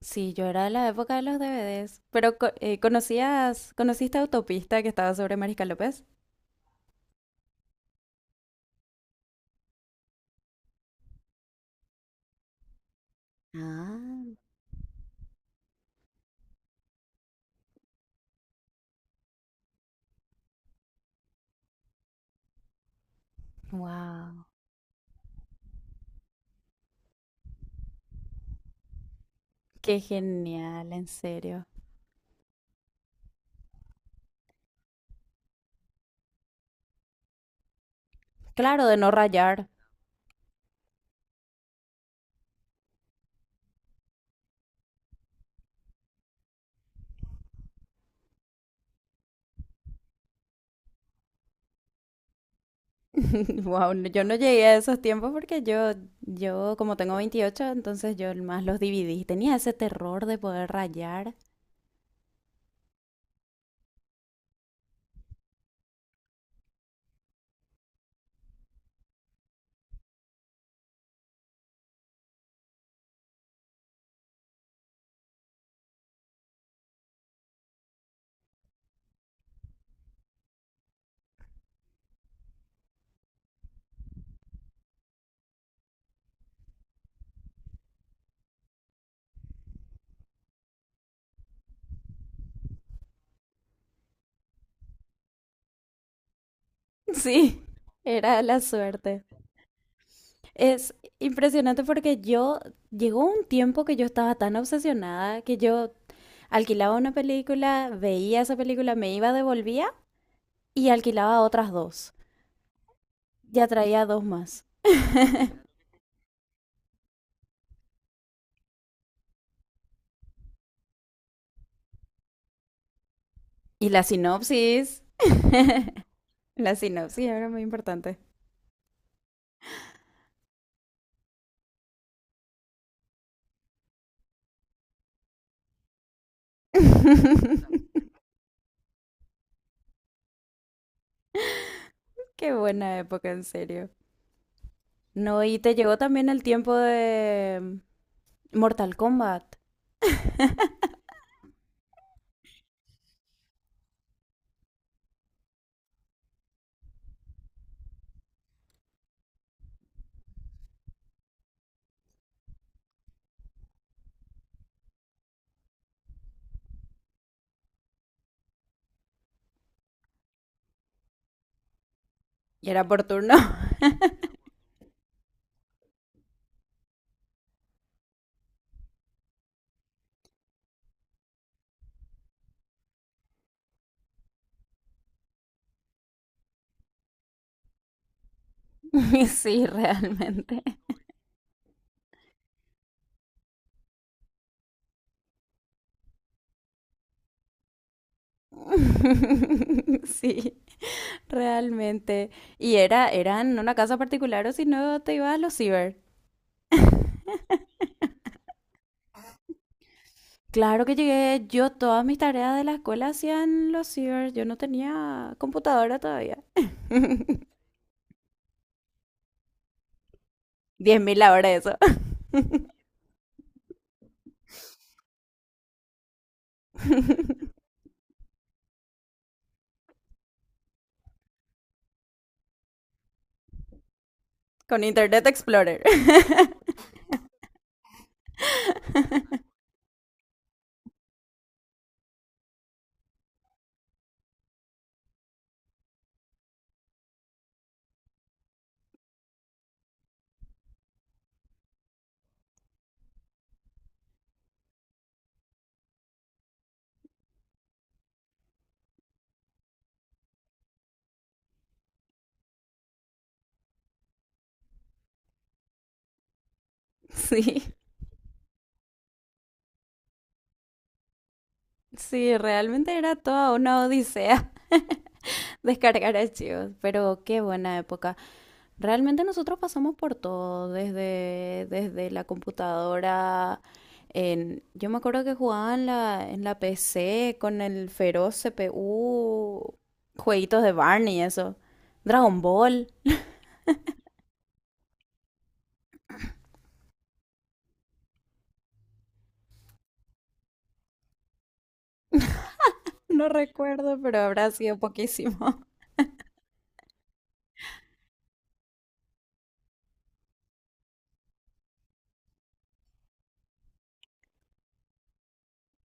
Sí, yo era de la época de los DVDs. Pero conociste Autopista que estaba sobre Mariscal López? Ah, wow, qué genial, en serio. Claro, de no rayar. Wow, yo no llegué a esos tiempos porque yo como tengo 28, entonces yo más los dividí. Tenía ese terror de poder rayar. Sí, era la suerte. Es impresionante porque llegó un tiempo que yo estaba tan obsesionada que yo alquilaba una película, veía esa película, me iba, devolvía y alquilaba otras 2. Ya traía 2 más. Y la sinopsis. La sinopsis era muy importante. Qué buena época, en serio. No, y te llegó también el tiempo de Mortal Kombat. Y era por turno. Y sí, realmente. Sí, realmente. Y era en una casa particular o si no te ibas a los ciber. Claro que llegué, yo todas mis tareas de la escuela hacían los ciber, yo no tenía computadora todavía. 10.000 ahora eso. Con Internet Explorer. Sí, sí, realmente era toda una odisea descargar archivos, pero qué buena época. Realmente nosotros pasamos por todo, desde la computadora. Yo me acuerdo que jugaba en la PC con el feroz CPU, jueguitos de Barney, eso. Dragon Ball. No recuerdo, pero habrá sido poquísimo.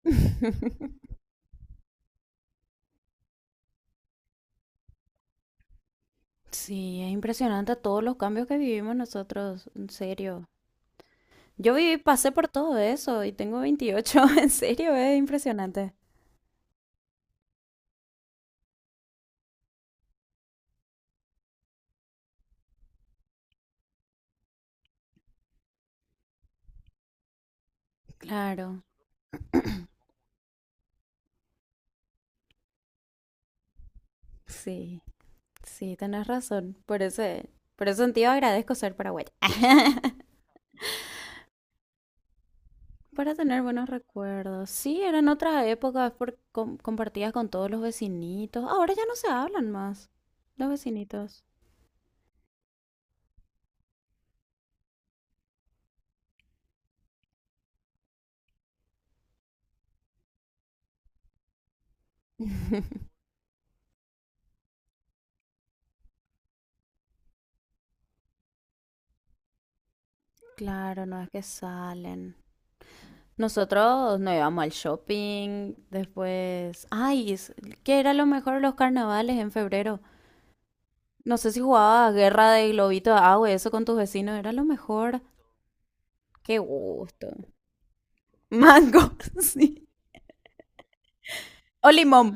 Sí, es impresionante todos los cambios que vivimos nosotros, en serio. Yo viví, pasé por todo eso y tengo 28. En serio, es impresionante. Claro, sí. Sí, tenés razón. Por ese sentido agradezco ser paraguaya. Para tener buenos recuerdos. Sí, eran otras épocas compartidas con todos los vecinitos. Ahora ya no se hablan más. Los vecinitos. Claro, no es que salen. Nosotros nos íbamos al shopping, después... Ay, ¿qué era lo mejor de los carnavales en febrero? No sé si jugabas guerra de globito de agua y eso con tus vecinos, era lo mejor. Qué gusto. Mango, sí. O limón.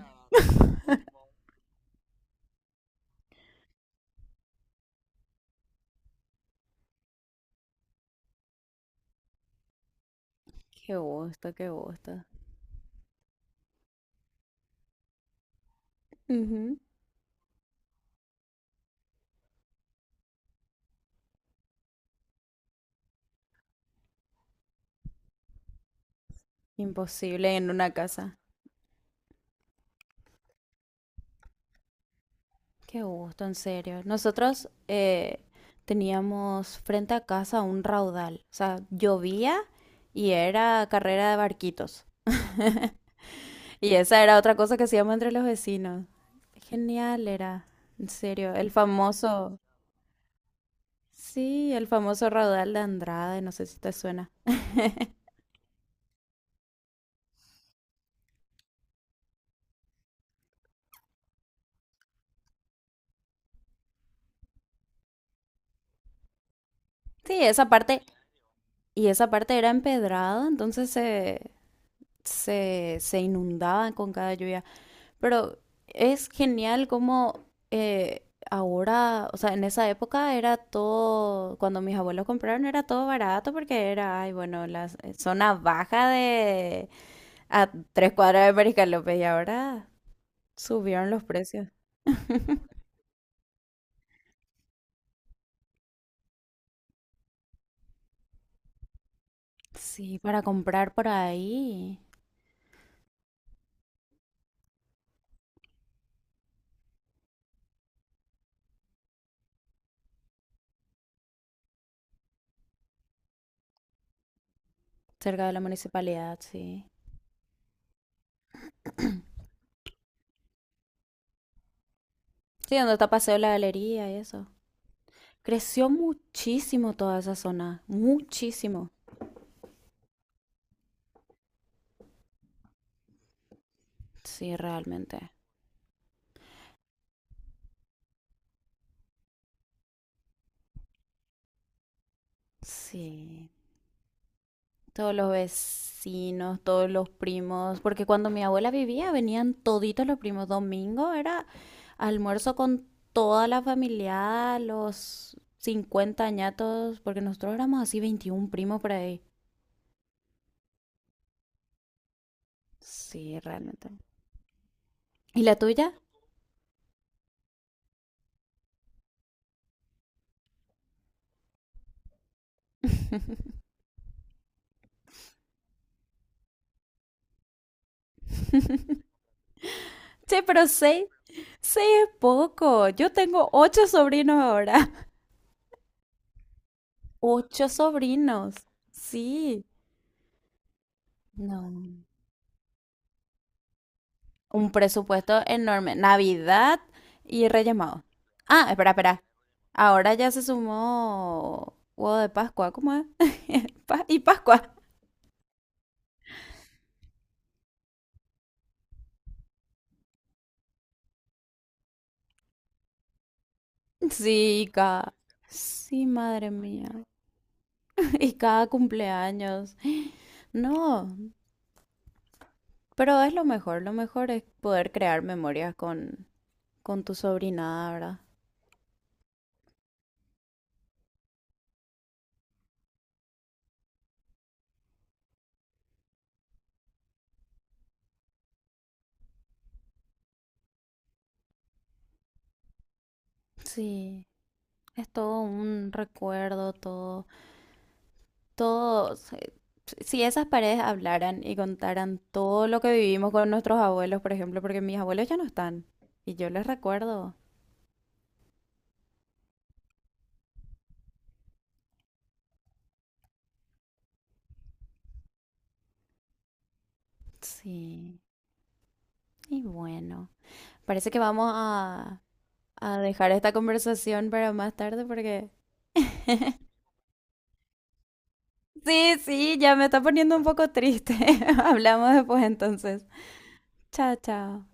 Qué gusto, qué gusto. Ujú. Imposible en una casa. Qué gusto, en serio. Nosotros teníamos frente a casa un raudal. O sea, llovía y era carrera de barquitos. Y esa era otra cosa que hacíamos entre los vecinos. Genial era, en serio. Sí, el famoso raudal de Andrade, no sé si te suena. Sí, y esa parte era empedrada, entonces se inundaba con cada lluvia. Pero es genial como eh, ahora, o sea, en esa época era todo, cuando mis abuelos compraron era todo barato porque era, ay, bueno, la zona baja de a tres cuadras de Mariscal López y ahora subieron los precios. Sí, para comprar por ahí, cerca de la municipalidad, sí. Sí, donde está Paseo la Galería y eso. Creció muchísimo toda esa zona, muchísimo. Sí, realmente. Sí. Todos los vecinos, todos los primos, porque cuando mi abuela vivía venían toditos los primos. Domingo era almuerzo con toda la familia, los 50 añatos, porque nosotros éramos así 21 primos por ahí. Sí, realmente. ¿Y la tuya? Che, pero 6 es poco. Yo tengo 8 sobrinos ahora. 8 sobrinos. Sí. No. Un presupuesto enorme. Navidad y Reyes Magos. Ah, espera. Ahora ya se sumó huevo de Pascua. ¿Cómo es? Y Pascua. Sí, y cada... Sí, madre mía. Y cada cumpleaños. No, pero es lo mejor. Lo mejor es poder crear memorias con tu sobrinada, ¿verdad? Sí, es todo un recuerdo, todo. Todos, si esas paredes hablaran y contaran todo lo que vivimos con nuestros abuelos, por ejemplo, porque mis abuelos ya no están y yo les recuerdo. Sí, y bueno, parece que vamos a dejar esta conversación para más tarde porque... Sí, sí, ya me está poniendo un poco triste. Hablamos después entonces. Chao, chao.